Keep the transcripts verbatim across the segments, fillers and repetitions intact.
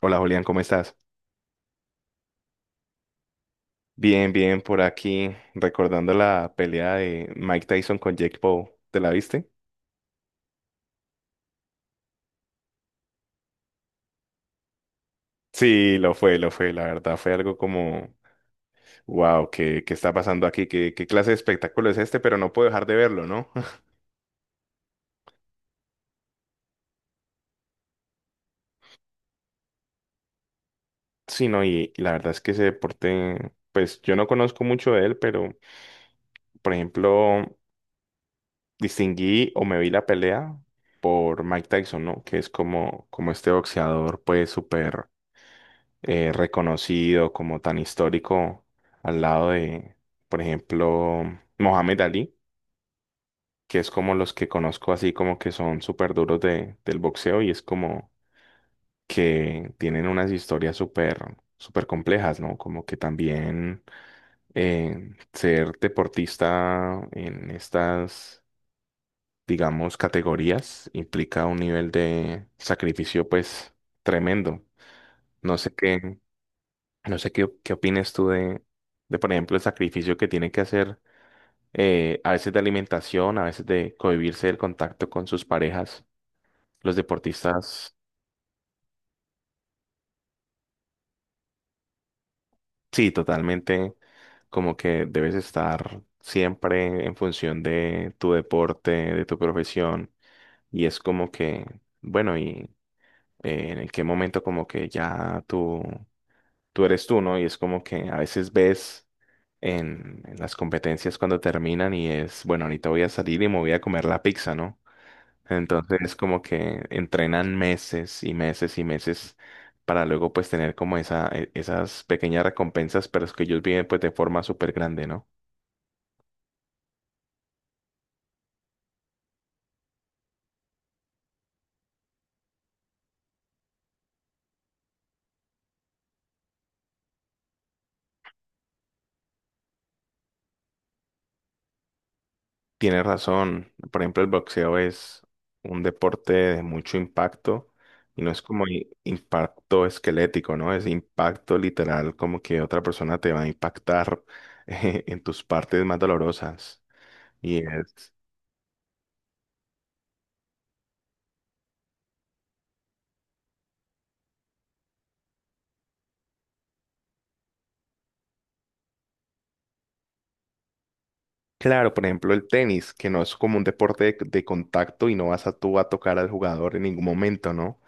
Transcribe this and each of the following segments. Hola Julián, ¿cómo estás? Bien, bien, por aquí, recordando la pelea de Mike Tyson con Jake Paul. ¿Te la viste? Sí, lo fue, lo fue, la verdad fue algo como, wow, ¿qué, qué está pasando aquí? ¿Qué, qué clase de espectáculo es este? Pero no puedo dejar de verlo, ¿no? Sí, no, y la verdad es que ese deporte, pues yo no conozco mucho de él, pero por ejemplo, distinguí o me vi la pelea por Mike Tyson, ¿no? Que es como, como este boxeador, pues súper eh, reconocido, como tan histórico, al lado de, por ejemplo, Mohamed Ali, que es como los que conozco así como que son súper duros de, del boxeo y es como que tienen unas historias súper, súper complejas, ¿no? Como que también eh, ser deportista en estas, digamos, categorías implica un nivel de sacrificio pues tremendo. No sé qué. No sé qué, qué opines tú de, de, por ejemplo, el sacrificio que tiene que hacer eh, a veces de alimentación, a veces de cohibirse del contacto con sus parejas. Los deportistas, sí, totalmente, como que debes estar siempre en función de tu deporte, de tu profesión. Y es como que, bueno, y eh, en qué momento como que ya tú, tú eres tú, ¿no? Y es como que a veces ves en, en las competencias cuando terminan y es, bueno, ahorita voy a salir y me voy a comer la pizza, ¿no? Entonces es como que entrenan meses y meses y meses para luego pues tener como esa, e- esas pequeñas recompensas, pero es que ellos viven pues de forma súper grande, ¿no? Tienes razón, por ejemplo, el boxeo es un deporte de mucho impacto y no es como i- impacto esquelético, ¿no? Es impacto literal, como que otra persona te va a impactar en tus partes más dolorosas. Y es, claro, por ejemplo, el tenis, que no es como un deporte de, de contacto y no vas a tú a tocar al jugador en ningún momento, ¿no?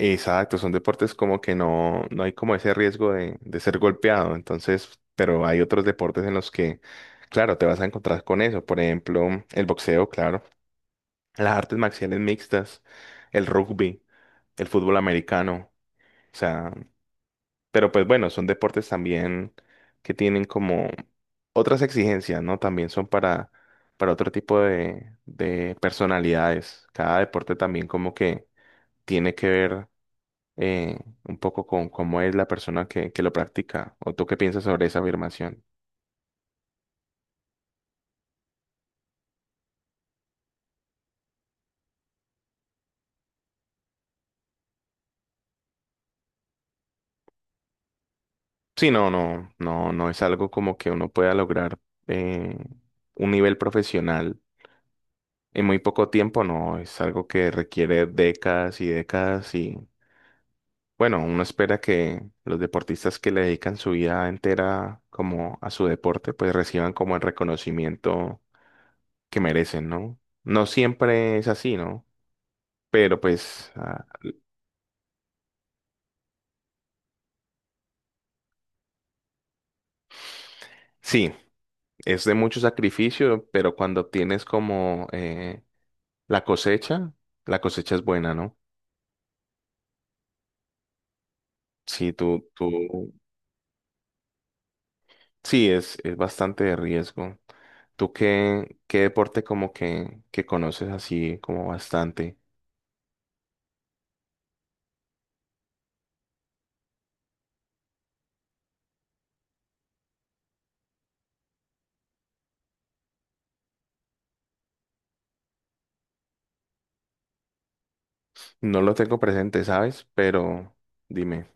Exacto, son deportes como que no, no hay como ese riesgo de, de ser golpeado, entonces, pero hay otros deportes en los que, claro, te vas a encontrar con eso, por ejemplo, el boxeo, claro, las artes marciales mixtas, el rugby, el fútbol americano, o sea, pero pues bueno, son deportes también que tienen como otras exigencias, ¿no? También son para, para otro tipo de, de personalidades. Cada deporte también como que tiene que ver eh, un poco con cómo es la persona que, que lo practica. ¿O tú qué piensas sobre esa afirmación? Sí, no, no, no, no es algo como que uno pueda lograr eh, un nivel profesional en muy poco tiempo, no, es algo que requiere décadas y décadas y bueno, uno espera que los deportistas que le dedican su vida entera como a su deporte, pues reciban como el reconocimiento que merecen, ¿no? No siempre es así, ¿no? Pero pues ah, sí, es de mucho sacrificio, pero cuando tienes como eh, la cosecha, la cosecha es buena, ¿no? Sí, tú, tú, sí, es, es bastante de riesgo. ¿Tú qué, qué deporte como que, que conoces así como bastante? No lo tengo presente, ¿sabes? Pero dime,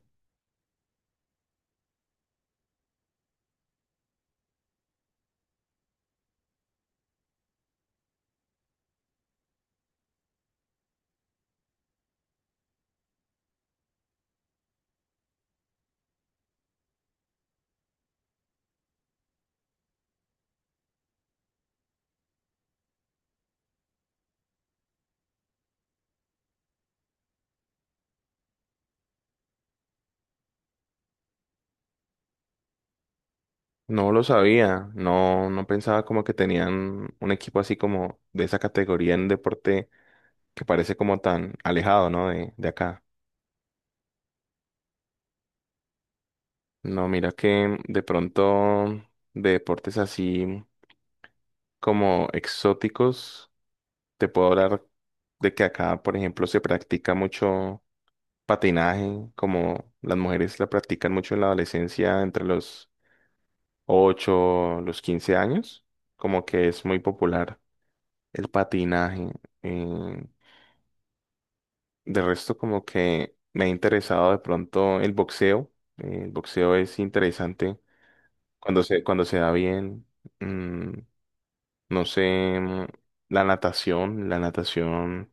no lo sabía, no, no pensaba como que tenían un equipo así como de esa categoría en deporte que parece como tan alejado, ¿no? De, de acá. No, mira que de pronto de deportes así como exóticos, te puedo hablar de que acá, por ejemplo, se practica mucho patinaje, como las mujeres la practican mucho en la adolescencia entre los ocho los quince años, como que es muy popular el patinaje. eh, de resto, como que me ha interesado de pronto el boxeo. Eh, el boxeo es interesante cuando se, cuando se da bien. Mm, no sé, mm, la natación, la natación.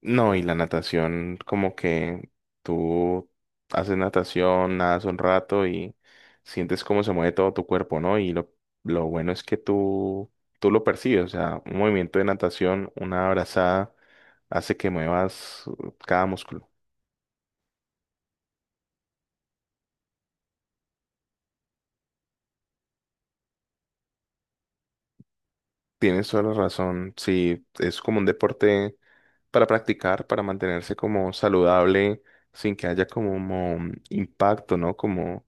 No, y la natación, como que tú haces natación, nadas un rato y sientes cómo se mueve todo tu cuerpo, ¿no? Y lo, lo bueno es que tú, tú lo percibes, o sea, un movimiento de natación, una abrazada, hace que muevas uh, cada músculo. Tienes toda la razón, sí, es como un deporte para practicar, para mantenerse como saludable, sin que haya como un impacto, ¿no? Como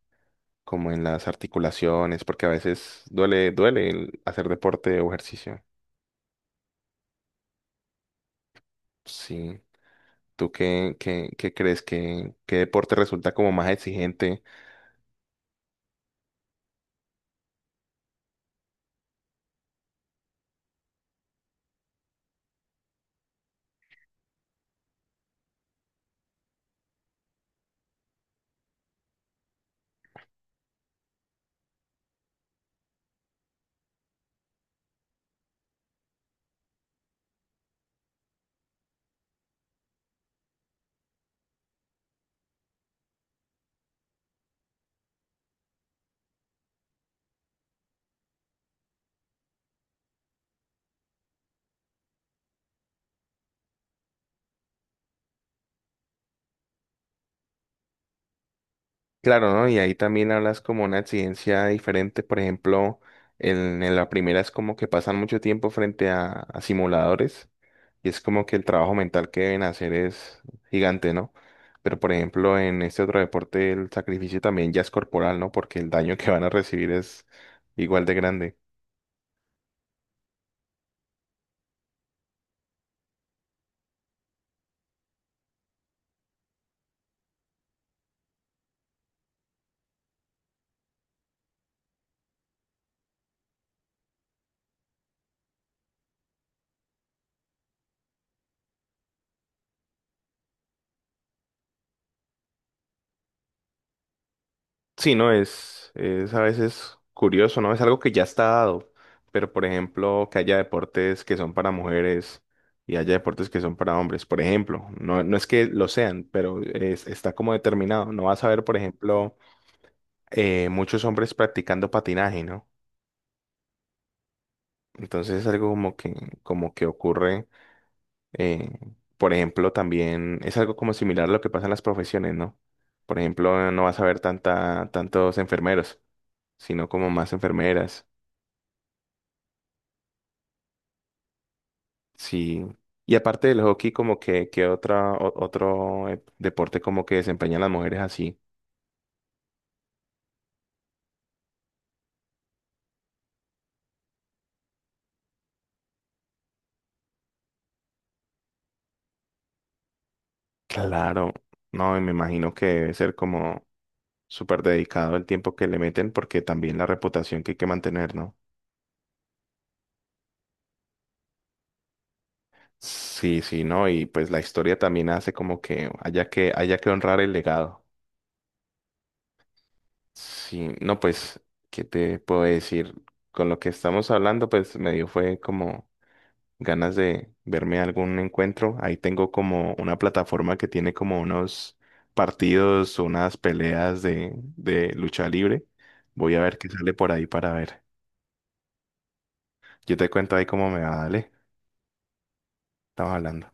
como en las articulaciones, porque a veces duele, duele el hacer deporte o ejercicio. Sí. ¿Tú qué, qué, qué crees? ¿Qué, qué deporte resulta como más exigente? Claro, ¿no? Y ahí también hablas como una exigencia diferente. Por ejemplo, en, en la primera es como que pasan mucho tiempo frente a, a simuladores y es como que el trabajo mental que deben hacer es gigante, ¿no? Pero por ejemplo, en este otro deporte el sacrificio también ya es corporal, ¿no? Porque el daño que van a recibir es igual de grande. Sí, no, es, es a veces curioso, ¿no? Es algo que ya está dado, pero por ejemplo, que haya deportes que son para mujeres y haya deportes que son para hombres, por ejemplo, no, no es que lo sean, pero es- está como determinado. No vas a ver, por ejemplo, eh, muchos hombres practicando patinaje, ¿no? Entonces es algo como que, como que ocurre, eh, por ejemplo, también es algo como similar a lo que pasa en las profesiones, ¿no? Por ejemplo, no vas a ver tanta, tantos enfermeros, sino como más enfermeras. Sí. Y aparte del hockey, como que, que otra, o- otro eh, deporte como que desempeñan las mujeres así. Claro. No, y me imagino que debe ser como súper dedicado el tiempo que le meten, porque también la reputación que hay que mantener, ¿no? Sí, sí, ¿no? Y pues la historia también hace como que haya que, haya que honrar el legado. Sí, no, pues, ¿qué te puedo decir? Con lo que estamos hablando, pues medio fue como ganas de verme algún encuentro. Ahí tengo como una plataforma que tiene como unos partidos, unas peleas de, de lucha libre. Voy a ver qué sale por ahí para ver. Yo te cuento ahí cómo me va, dale. Estamos hablando.